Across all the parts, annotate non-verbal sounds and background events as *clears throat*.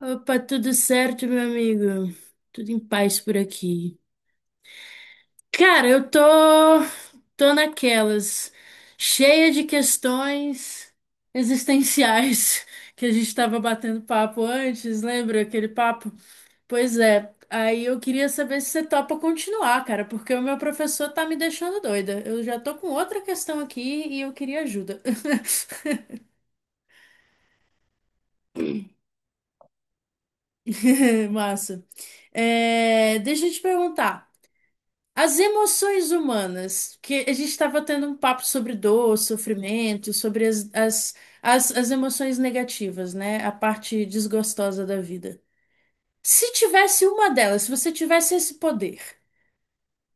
Opa, tudo certo, meu amigo? Tudo em paz por aqui. Cara, eu tô, tô naquelas, cheia de questões existenciais *laughs* que a gente tava batendo papo antes, lembra aquele papo? Pois é, aí eu queria saber se você topa continuar, cara, porque o meu professor tá me deixando doida. Eu já tô com outra questão aqui e eu queria ajuda. *laughs* Massa. É, deixa eu te perguntar. As emoções humanas, que a gente estava tendo um papo sobre dor, sofrimento, sobre as emoções negativas, né? A parte desgostosa da vida. Se tivesse uma delas, se você tivesse esse poder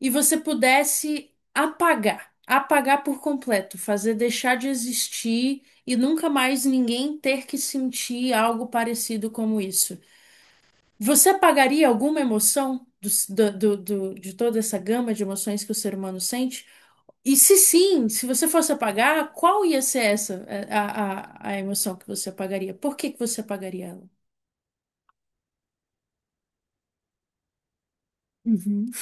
e você pudesse apagar, apagar por completo, fazer deixar de existir e nunca mais ninguém ter que sentir algo parecido como isso, você apagaria alguma emoção do, do, de toda essa gama de emoções que o ser humano sente? E se sim, se você fosse apagar, qual ia ser essa, a emoção que você apagaria? Por que que você apagaria ela? Uhum.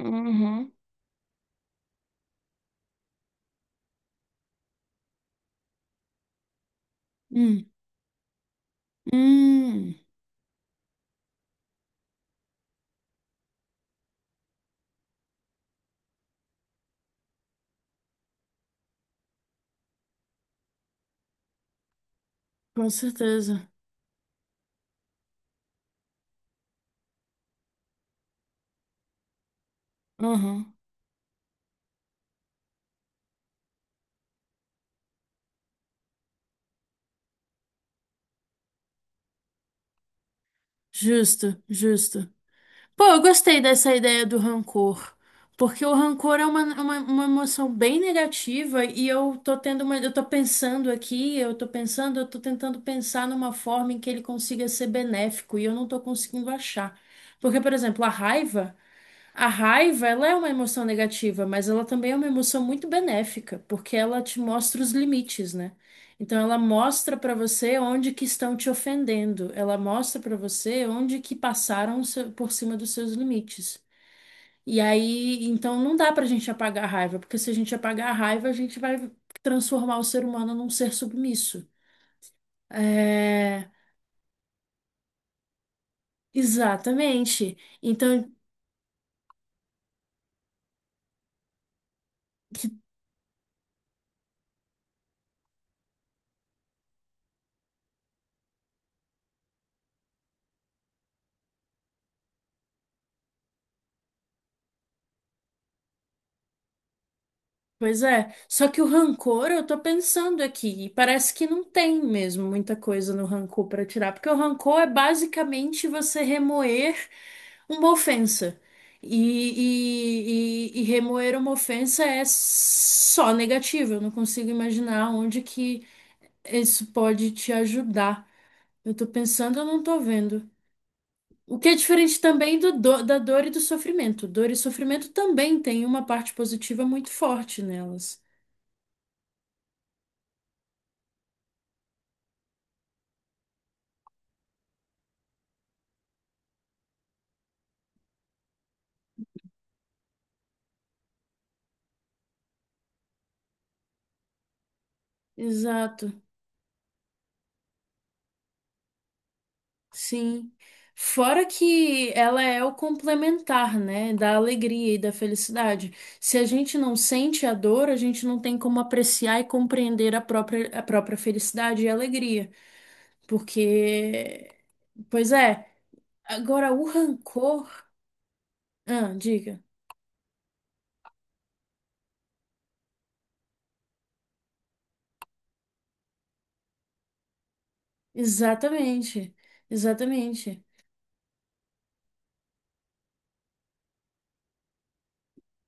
Uhum. Hum. Hum. Com certeza. Uhum. Justo, justo. Pô, eu gostei dessa ideia do rancor. Porque o rancor é uma emoção bem negativa e eu tô tendo uma, eu tô pensando aqui, eu tô pensando, eu tô tentando pensar numa forma em que ele consiga ser benéfico e eu não tô conseguindo achar. Porque, por exemplo, a raiva. A raiva, ela é uma emoção negativa, mas ela também é uma emoção muito benéfica, porque ela te mostra os limites, né? Então ela mostra pra você onde que estão te ofendendo, ela mostra pra você onde que passaram o seu- por cima dos seus limites. E aí, então não dá pra gente apagar a raiva, porque se a gente apagar a raiva, a gente vai transformar o ser humano num ser submisso. É, exatamente. Então. Pois é, só que o rancor, eu tô pensando aqui, e parece que não tem mesmo muita coisa no rancor pra tirar, porque o rancor é basicamente você remoer uma ofensa. E remoer uma ofensa é só negativo, eu não consigo imaginar onde que isso pode te ajudar. Eu tô pensando, eu não tô vendo. O que é diferente também da dor e do sofrimento. Dor e sofrimento também tem uma parte positiva muito forte nelas. Exato, sim. Fora que ela é o complementar, né, da alegria e da felicidade. Se a gente não sente a dor, a gente não tem como apreciar e compreender a própria felicidade e alegria. Porque, pois é, agora o rancor. Ah, diga. Exatamente, exatamente.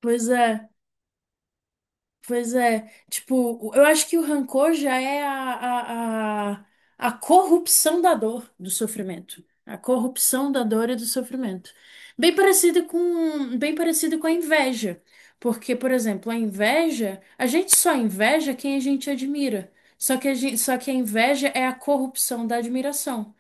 Pois é. Pois é, tipo, eu acho que o rancor já é a corrupção da dor, do sofrimento. A corrupção da dor e do sofrimento. Bem parecido com a inveja. Porque, por exemplo, a inveja, a gente só inveja quem a gente admira. Só que a gente, só que a inveja é a corrupção da admiração.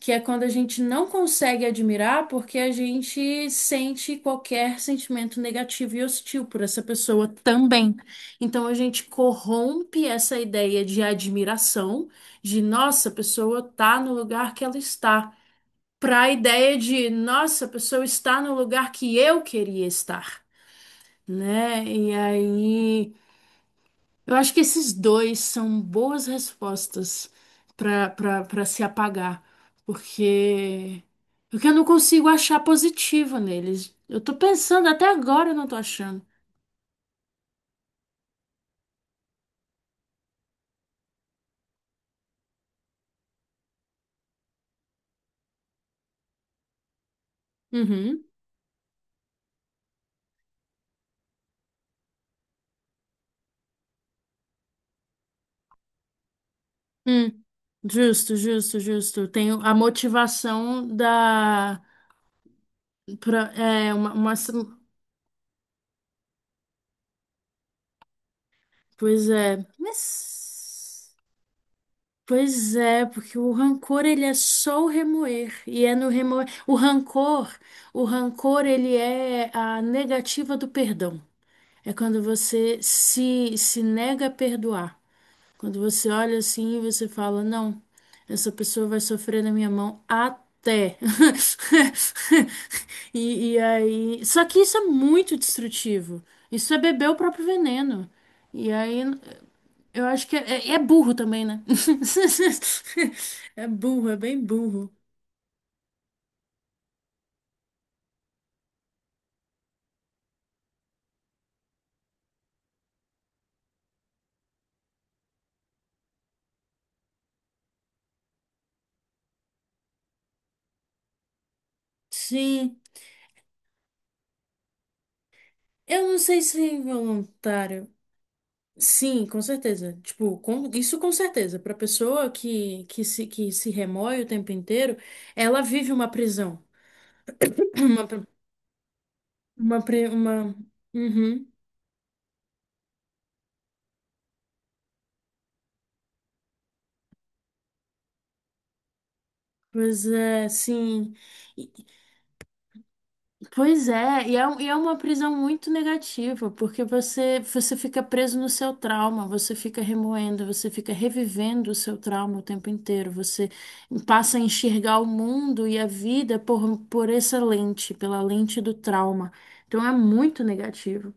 Que é quando a gente não consegue admirar porque a gente sente qualquer sentimento negativo e hostil por essa pessoa também. Então a gente corrompe essa ideia de admiração, de nossa, a pessoa tá no lugar que ela está, para a ideia de nossa, a pessoa está no lugar que eu queria estar, né? E aí, eu acho que esses dois são boas respostas para se apagar, porque eu não consigo achar positiva neles. Eu tô pensando até agora, eu não tô achando. Uhum. Hum, justo, justo, justo. Tem a motivação da. Pra, é, uma, uma-. Pois é. Mas. Pois é, porque o rancor ele é só o remoer. E é no remoer. O rancor, ele é a negativa do perdão. É quando você se, se nega a perdoar. Quando você olha assim e você fala, não, essa pessoa vai sofrer na minha mão até. *laughs* E, e aí. Só que isso é muito destrutivo. Isso é beber o próprio veneno. E aí. Eu acho que é burro também, né? *laughs* É burro, é bem burro. Sim. Eu não sei se voluntário. Sim, com certeza. Tipo, com- isso com certeza. Para pessoa que, que se remói o tempo inteiro, ela vive uma prisão. *clears throat* Uma, pri- uma, pri- uma... Uhum. Pois é, sim. Pois é, e é, um- e é uma prisão muito negativa, porque você, você fica preso no seu trauma, você fica remoendo, você fica revivendo o seu trauma o tempo inteiro, você passa a enxergar o mundo e a vida por essa lente, pela lente do trauma. Então é muito negativo.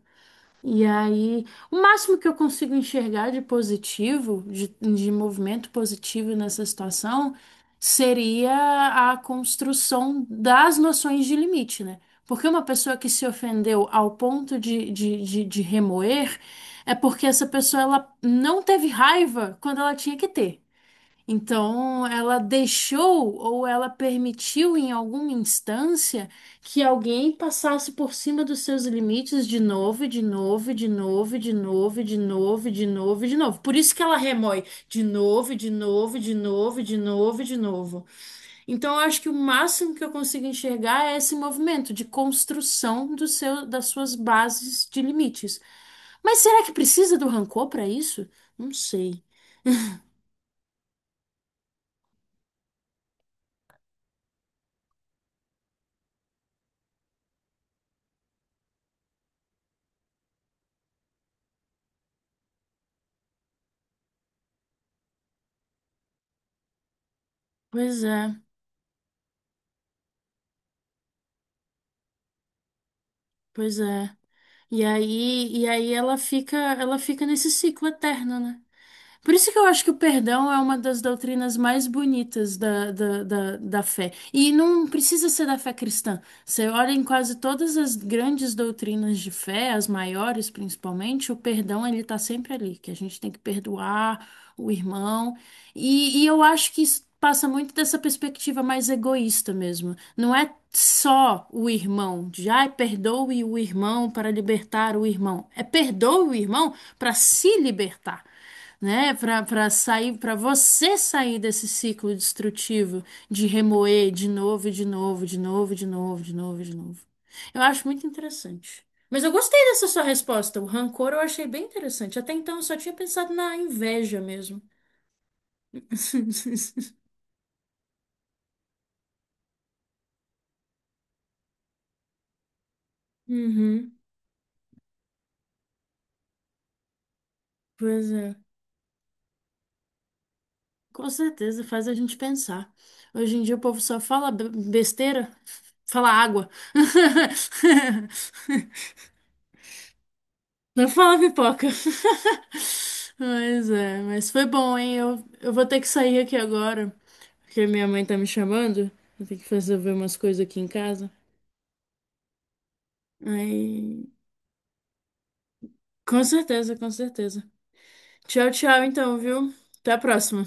E aí, o máximo que eu consigo enxergar de positivo, de movimento positivo nessa situação, seria a construção das noções de limite, né? Porque uma pessoa que se ofendeu ao ponto de remoer é porque essa pessoa ela não teve raiva quando ela tinha que ter. Então, ela deixou ou ela permitiu em alguma instância que alguém passasse por cima dos seus limites de novo, e de novo, e de novo, e de novo, e de novo, e de novo, e de novo. Por isso que ela remói de novo, e de novo, e de novo, e de novo, e de novo. Então, eu acho que o máximo que eu consigo enxergar é esse movimento de construção do seu, das suas bases de limites. Mas será que precisa do rancor para isso? Não sei. Pois é. Pois é. E aí ela fica nesse ciclo eterno, né? Por isso que eu acho que o perdão é uma das doutrinas mais bonitas da fé. E não precisa ser da fé cristã. Você olha em quase todas as grandes doutrinas de fé, as maiores principalmente, o perdão ele está sempre ali, que a gente tem que perdoar o irmão. E eu acho que isso passa muito dessa perspectiva mais egoísta mesmo. Não é só o irmão, de ai, perdoe o irmão para libertar o irmão. É perdoe o irmão para se libertar, né? Para sair, para você sair desse ciclo destrutivo de remoer de novo, e de novo, de novo, de novo, de novo, de novo. Eu acho muito interessante. Mas eu gostei dessa sua resposta. O rancor eu achei bem interessante. Até então eu só tinha pensado na inveja mesmo. *laughs* Uhum, pois é. Com certeza faz a gente pensar. Hoje em dia o povo só fala besteira, fala água. *laughs* Não fala pipoca. *laughs* Mas é, mas foi bom, hein? Eu vou ter que sair aqui agora, porque minha mãe tá me chamando. Eu tenho que resolver umas coisas aqui em casa. Aí, com certeza, com certeza. Tchau, tchau, então, viu? Até a próxima.